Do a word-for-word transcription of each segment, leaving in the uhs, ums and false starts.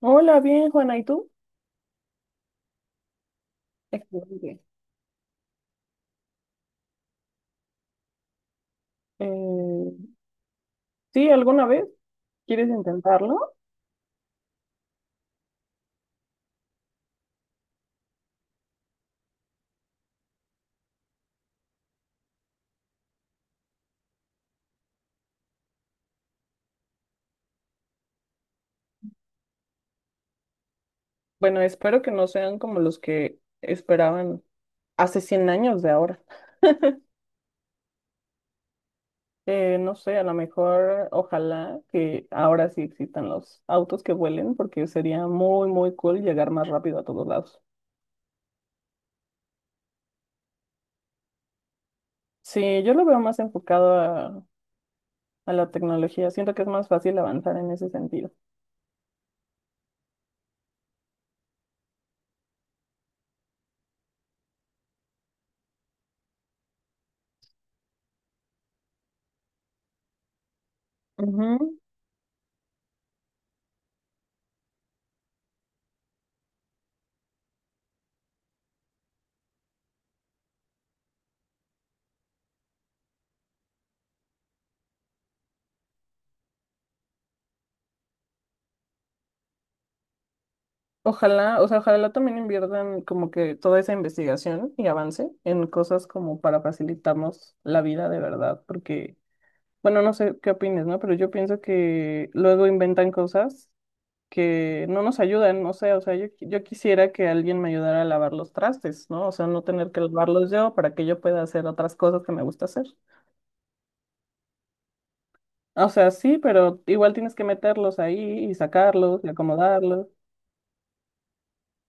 Hola, bien, Juana, ¿y tú? Excelente. Eh, sí, ¿alguna vez quieres intentarlo? Bueno, espero que no sean como los que esperaban hace cien años de ahora. Eh, no sé, a lo mejor, ojalá que ahora sí existan los autos que vuelen, porque sería muy, muy cool llegar más rápido a todos lados. Sí, yo lo veo más enfocado a, a la tecnología. Siento que es más fácil avanzar en ese sentido. Ujú. Ojalá, o sea, ojalá también inviertan como que toda esa investigación y avance en cosas como para facilitarnos la vida de verdad, porque, bueno, no sé qué opines, ¿no? Pero yo pienso que luego inventan cosas que no nos ayudan, no sé, o sea, yo, qui- yo quisiera que alguien me ayudara a lavar los trastes, ¿no? O sea, no tener que lavarlos yo para que yo pueda hacer otras cosas que me gusta hacer. O sea, sí, pero igual tienes que meterlos ahí y sacarlos y acomodarlos.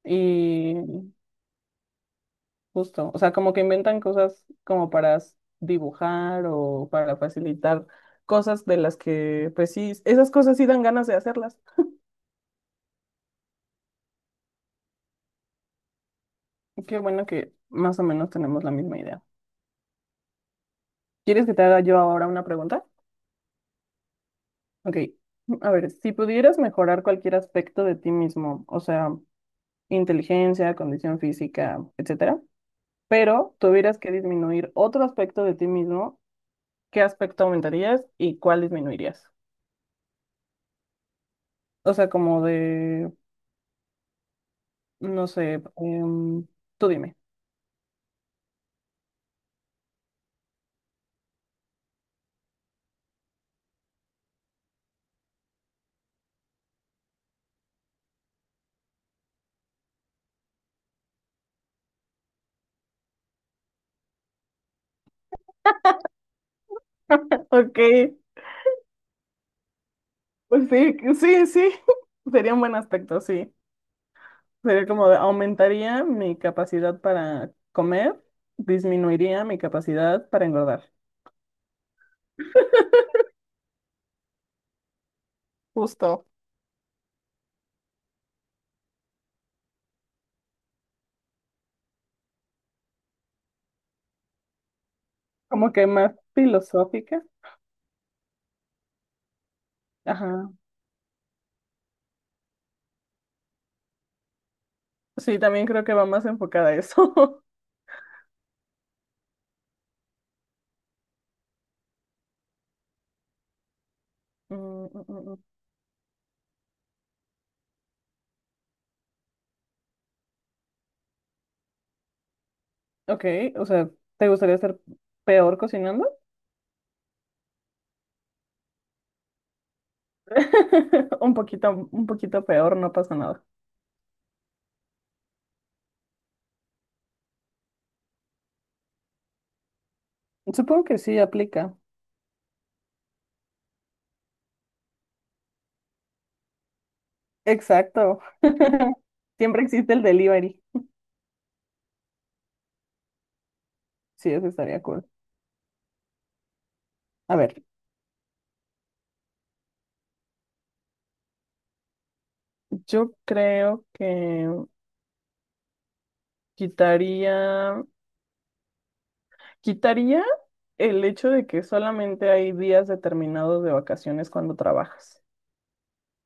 Y Justo, o sea, como que inventan cosas como para s- dibujar o para facilitar cosas de las que, pues sí, esas cosas sí dan ganas de hacerlas. Qué bueno que más o menos tenemos la misma idea. ¿Quieres que te haga yo ahora una pregunta? Ok, a ver, si pudieras mejorar cualquier aspecto de ti mismo, o sea, inteligencia, condición física, etcétera, pero tuvieras que disminuir otro aspecto de ti mismo, ¿qué aspecto aumentarías y cuál disminuirías? O sea, como de no sé, em, tú dime. Ok, pues sí, sí, sí, sería un buen aspecto, sí. Sería como de- aumentaría mi capacidad para comer, disminuiría mi capacidad para engordar. Justo, como que más filosófica. Ajá, sí, también creo que va más enfocada a eso. Mm, mm, mm, mm. Ok, o sea, ¿te gustaría ser peor cocinando? Un poquito, un poquito peor, no pasa nada. Supongo que sí aplica. Exacto. Siempre existe el delivery. Sí, eso estaría cool. A ver, yo creo que quitaría, quitaría el hecho de que solamente hay días determinados de vacaciones cuando trabajas,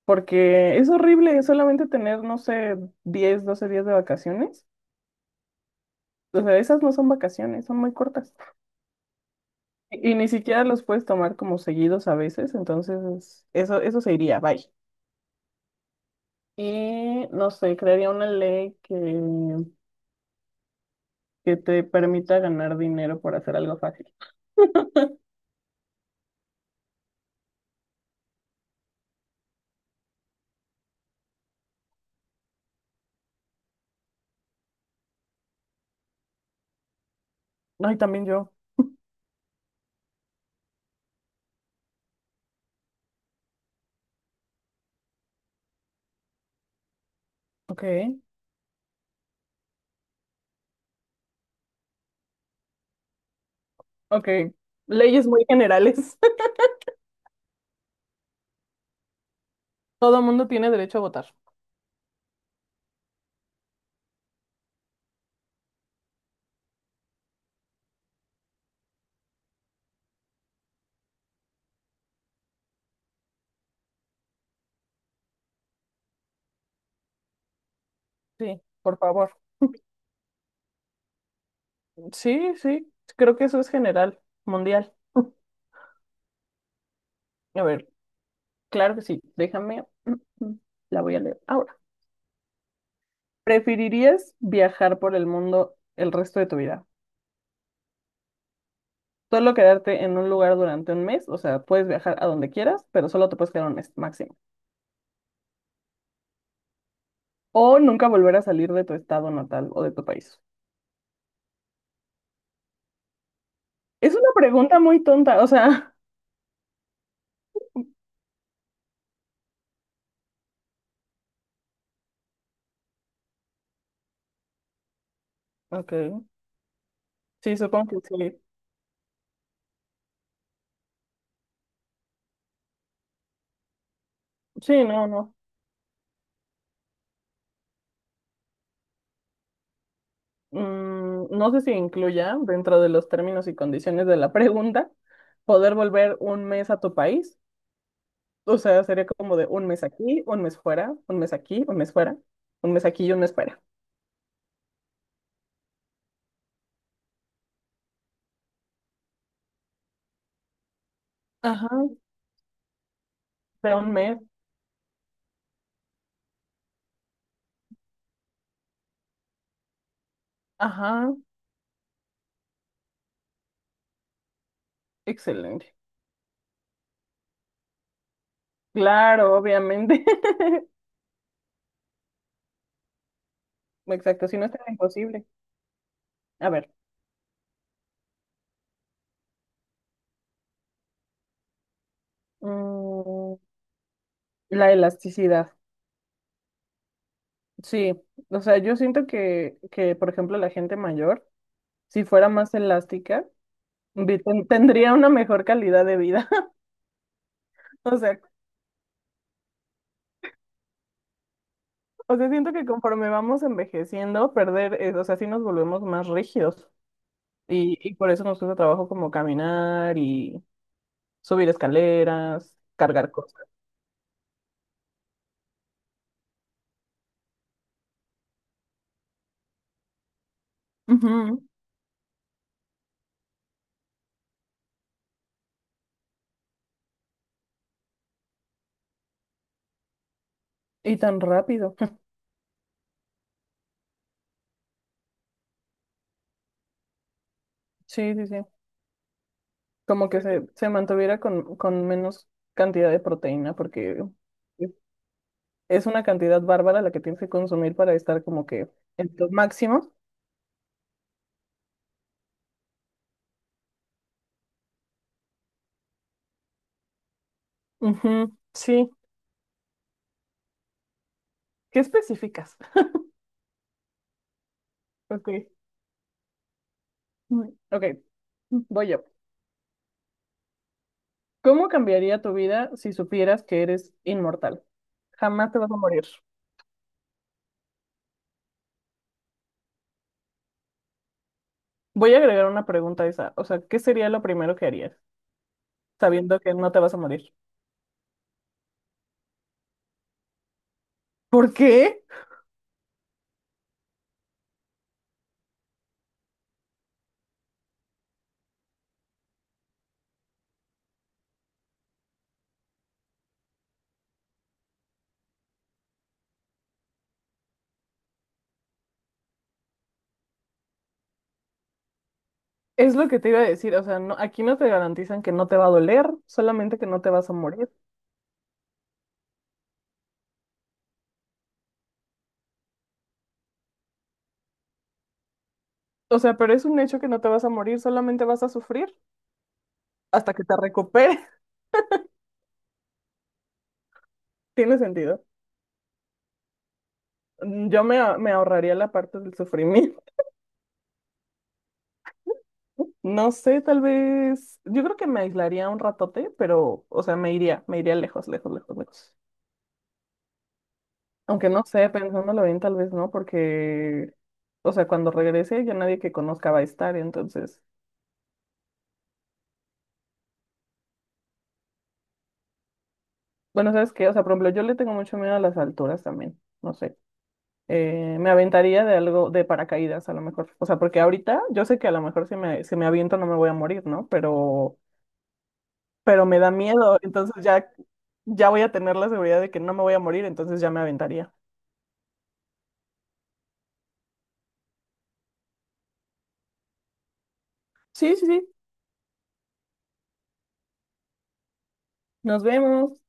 porque es horrible solamente tener, no sé, diez, doce días de vacaciones. O sea, esas no son vacaciones, son muy cortas. Y y ni siquiera los puedes tomar como seguidos a veces, entonces eso, eso se iría, bye. Y no sé, crearía una ley que, que te permita ganar dinero por hacer algo fácil. Ay, también yo. Ok, ok. Leyes muy generales. Todo el mundo tiene derecho a votar. Sí, por favor. Sí, sí. Creo que eso es general, mundial. A ver, claro que sí. Déjame. La voy a leer ahora. ¿Preferirías viajar por el mundo el resto de tu vida? Solo quedarte en un lugar durante un mes, o sea, puedes viajar a donde quieras, pero solo te puedes quedar un mes máximo. ¿O nunca volver a salir de tu estado natal o de tu país? Es una pregunta muy tonta, o sea, ok, sí, supongo que sí. Sí, no, no. Mm, no sé si incluya dentro de los términos y condiciones de la pregunta poder volver un mes a tu país. O sea, sería como de un mes aquí, un mes fuera, un mes aquí, un mes fuera, un mes aquí y un mes fuera. Ajá, de un mes. Ajá, excelente. Claro, obviamente. Exacto, si no es tan imposible. A ver. mm, La elasticidad, sí. O sea, yo siento que, que, por ejemplo, la gente mayor, si fuera más elástica, vi- ten- tendría una mejor calidad de vida. O sea, o sea, siento que conforme vamos envejeciendo, perder, eh, o sea, sí nos volvemos más rígidos. Y, y por eso nos cuesta trabajo como caminar y subir escaleras, cargar cosas. Ujú, y tan rápido. Sí, sí, sí. Como que se, se mantuviera con, con, menos cantidad de proteína, porque es una cantidad bárbara la que tienes que consumir para estar como que en tu máximo. Ujú, sí. ¿Qué especificas? Ok. mm, Ok, voy yo. ¿Cómo cambiaría tu vida si supieras que eres inmortal? Jamás te vas a morir. Voy a agregar una pregunta a esa. O sea, ¿qué sería lo primero que harías sabiendo que no te vas a morir? ¿Por qué? Es lo que te iba a decir. O sea, no, aquí no te garantizan que no te va a doler, solamente que no te vas a morir. O sea, pero es un hecho que no te vas a morir, solamente vas a sufrir hasta que te recuperes. Tiene sentido. Mm, Yo me, a- me ahorraría la parte del sufrimiento. No sé, tal vez. Yo creo que me aislaría un ratote, pero, o sea, me iría, me iría lejos, lejos, lejos, lejos. Aunque no sé, pensándolo bien, tal vez no, porque, o sea, cuando regrese ya nadie que conozca va a estar, entonces. Bueno, ¿sabes qué? O sea, por ejemplo, yo le tengo mucho miedo a las alturas también, no sé. Eh, me aventaría de algo de paracaídas a lo mejor. O sea, porque ahorita yo sé que a lo mejor si me, si me aviento no me voy a morir, ¿no? Pero pero me da miedo, entonces ya, ya voy a tener la seguridad de que no me voy a morir, entonces ya me aventaría. Sí, sí, sí, nos vemos.